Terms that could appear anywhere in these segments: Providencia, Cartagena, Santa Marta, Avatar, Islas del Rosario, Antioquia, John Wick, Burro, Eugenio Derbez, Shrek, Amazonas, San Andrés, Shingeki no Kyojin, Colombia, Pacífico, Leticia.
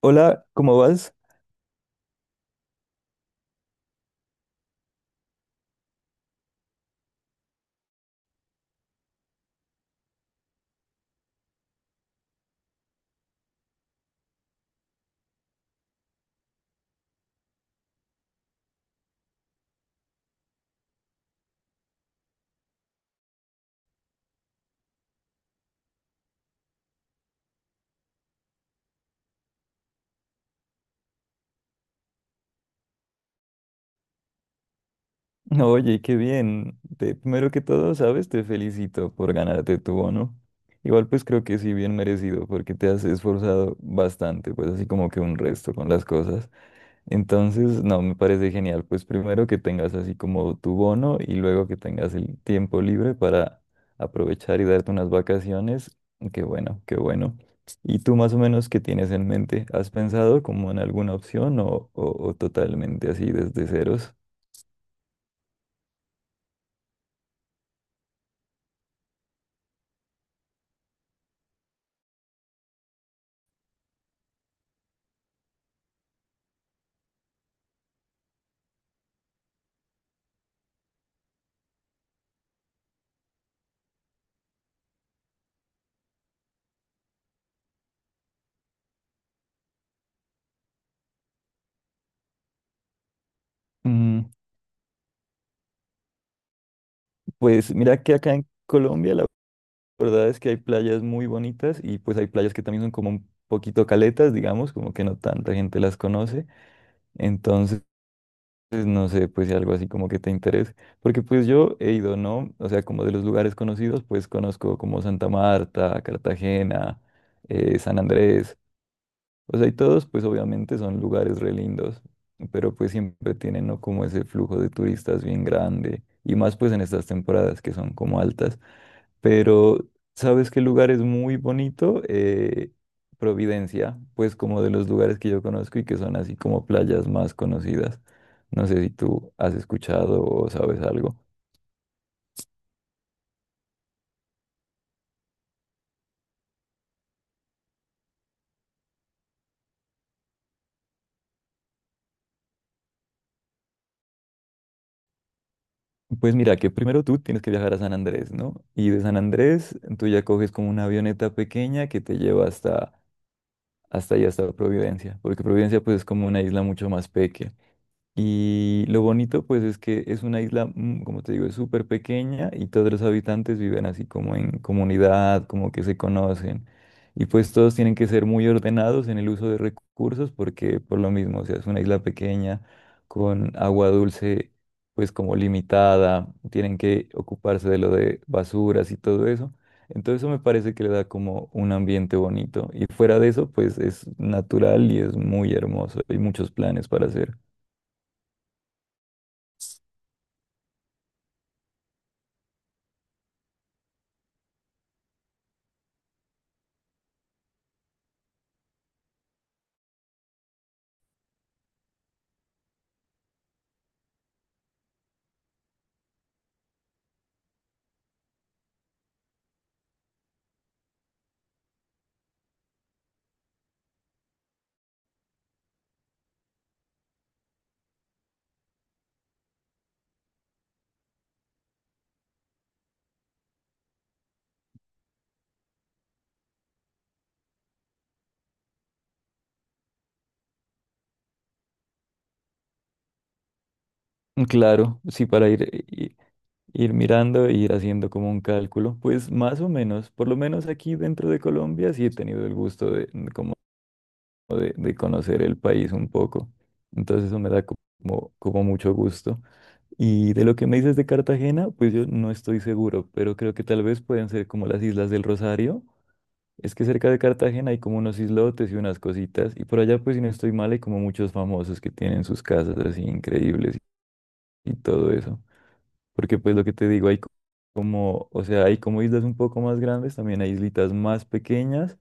Hola, ¿cómo vas? No, oye, qué bien. Primero que todo, ¿sabes? Te felicito por ganarte tu bono. Igual pues creo que sí, bien merecido, porque te has esforzado bastante, pues así como que un resto con las cosas. Entonces, no, me parece genial. Pues primero que tengas así como tu bono y luego que tengas el tiempo libre para aprovechar y darte unas vacaciones. Qué bueno, qué bueno. ¿Y tú más o menos qué tienes en mente? ¿Has pensado como en alguna opción o totalmente así desde ceros? Mm, Pues mira que acá en Colombia la verdad es que hay playas muy bonitas y pues hay playas que también son como un poquito caletas, digamos, como que no tanta gente las conoce. Entonces, pues, no sé, pues si algo así como que te interese. Porque pues yo he ido, ¿no? O sea, como de los lugares conocidos, pues conozco como Santa Marta, Cartagena, San Andrés. O sea, y todos, pues obviamente son lugares re lindos, pero pues siempre tienen, ¿no? Como ese flujo de turistas bien grande, y más pues en estas temporadas que son como altas. Pero, ¿sabes qué lugar es muy bonito? Providencia, pues como de los lugares que yo conozco y que son así como playas más conocidas. No sé si tú has escuchado o sabes algo. Pues mira, que primero tú tienes que viajar a San Andrés, ¿no? Y de San Andrés tú ya coges como una avioneta pequeña que te lleva hasta allá hasta Providencia, porque Providencia pues es como una isla mucho más pequeña. Y lo bonito, pues, es que es una isla, como te digo, es súper pequeña y todos los habitantes viven así como en comunidad, como que se conocen. Y pues todos tienen que ser muy ordenados en el uso de recursos porque por lo mismo, o sea, es una isla pequeña con agua dulce, pues como limitada, tienen que ocuparse de lo de basuras y todo eso. Entonces eso me parece que le da como un ambiente bonito. Y fuera de eso, pues es natural y es muy hermoso. Hay muchos planes para hacer. Claro, sí, para ir mirando e ir haciendo como un cálculo, pues más o menos, por lo menos aquí dentro de Colombia sí he tenido el gusto de, como de conocer el país un poco, entonces eso me da como mucho gusto. Y de lo que me dices de Cartagena, pues yo no estoy seguro, pero creo que tal vez pueden ser como las Islas del Rosario. Es que cerca de Cartagena hay como unos islotes y unas cositas, y por allá pues si no estoy mal hay como muchos famosos que tienen sus casas así increíbles y todo eso. Porque pues lo que te digo, como, o sea, hay como islas un poco más grandes, también hay islitas más pequeñas,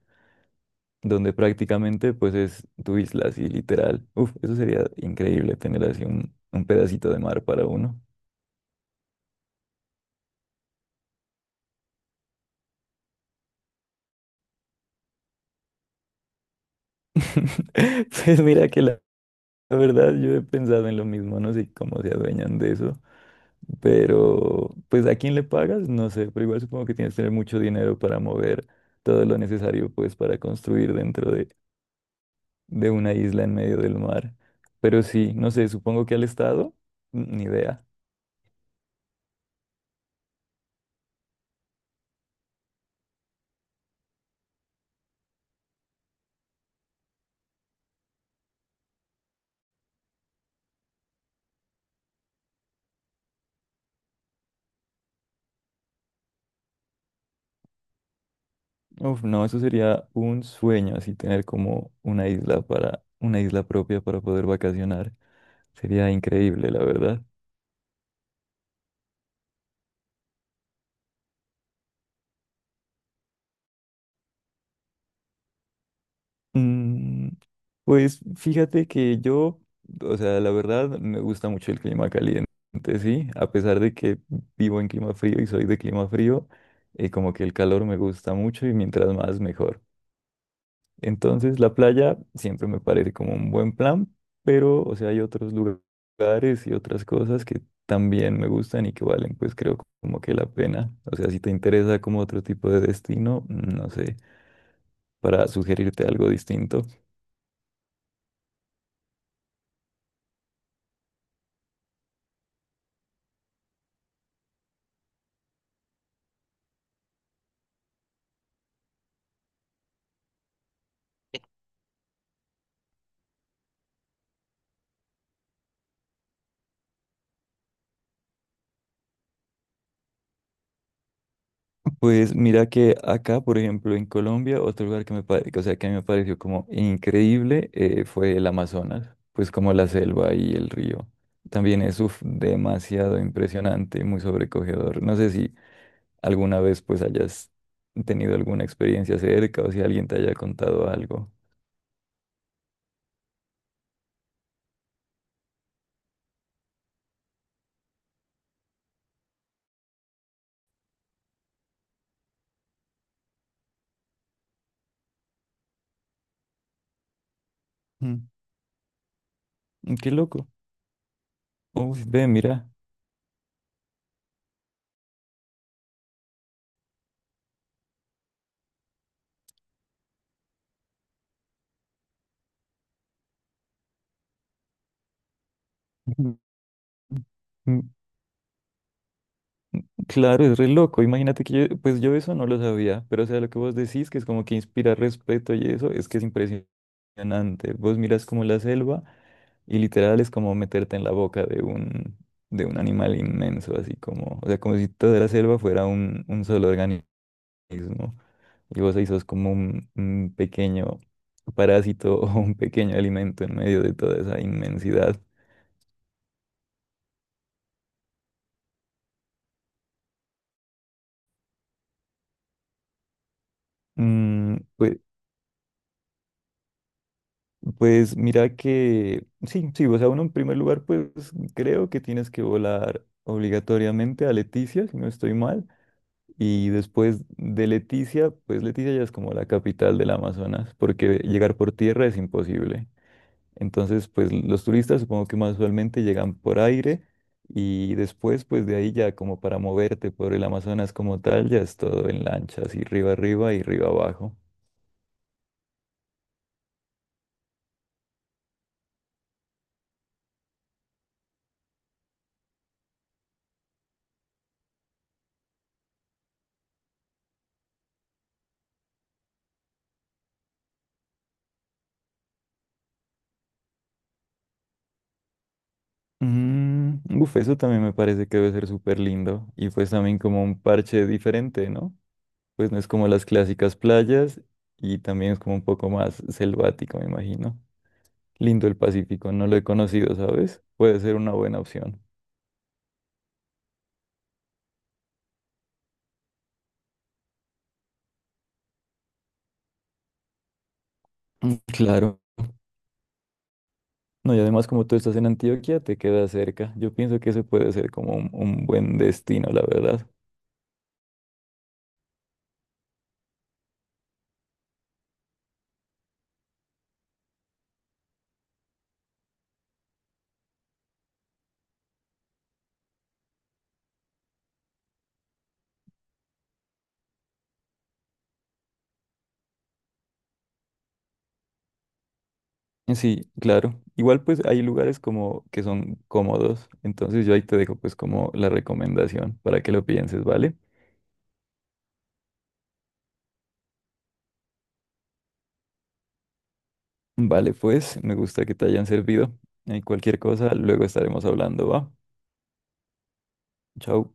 donde prácticamente pues es tu isla, así literal. Uf, eso sería increíble tener así un pedacito de mar para uno. Pues mira que la verdad yo he pensado en lo mismo, no sé cómo se adueñan de eso, pero pues a quién le pagas, no sé, pero igual supongo que tienes que tener mucho dinero para mover todo lo necesario pues para construir dentro de una isla en medio del mar. Pero sí, no sé, supongo que al estado, ni idea. Uf, no, eso sería un sueño, así tener como una isla para, una isla propia para poder vacacionar. Sería increíble, la verdad. Mm, pues fíjate que yo, o sea, la verdad me gusta mucho el clima caliente, sí, a pesar de que vivo en clima frío y soy de clima frío, como que el calor me gusta mucho y mientras más mejor. Entonces, la playa siempre me parece como un buen plan, pero, o sea, hay otros lugares y otras cosas que también me gustan y que valen, pues creo como que la pena. O sea, si te interesa como otro tipo de destino, no sé, para sugerirte algo distinto. Pues mira que acá, por ejemplo, en Colombia, otro lugar que o sea, que a mí me pareció como increíble fue el Amazonas, pues como la selva y el río. También es uf, demasiado impresionante y muy sobrecogedor. No sé si alguna vez pues hayas tenido alguna experiencia cerca o si alguien te haya contado algo. Mm, mm, qué loco. Uy, ve, mira. Ujú. Mm, claro, es re loco. Imagínate que yo, pues yo eso no lo sabía, pero o sea, lo que vos decís, que es como que inspira respeto y eso, es que es impresionante. Vos miras como la selva y literal es como meterte en la boca de un animal inmenso, así como, o sea, como si toda la selva fuera un solo organismo. Y vos ahí sos como un pequeño parásito o un pequeño alimento en medio de toda esa inmensidad. Mm, pues, pues mira que, sí, sí, o sea, uno en primer lugar, pues creo que tienes que volar obligatoriamente a Leticia, si no estoy mal. Y después de Leticia, pues Leticia ya es como la capital del Amazonas, porque llegar por tierra es imposible. Entonces, pues los turistas supongo que más usualmente llegan por aire y después, pues de ahí ya como para moverte por el Amazonas como tal, ya es todo en lancha, así arriba y arriba abajo. Uf, eso también me parece que debe ser súper lindo y pues también como un parche diferente, ¿no? Pues no es como las clásicas playas y también es como un poco más selvático, me imagino. Lindo el Pacífico, no lo he conocido, ¿sabes? Puede ser una buena opción. Mm, claro. No, y además como tú estás en Antioquia, te queda cerca. Yo pienso que eso puede ser como un buen destino, la verdad. Sí, claro. Igual pues hay lugares como que son cómodos. Entonces yo ahí te dejo pues como la recomendación para que lo pienses, ¿vale? Vale, pues me gusta que te hayan servido. Y cualquier cosa, luego estaremos hablando, ¿va? Chao.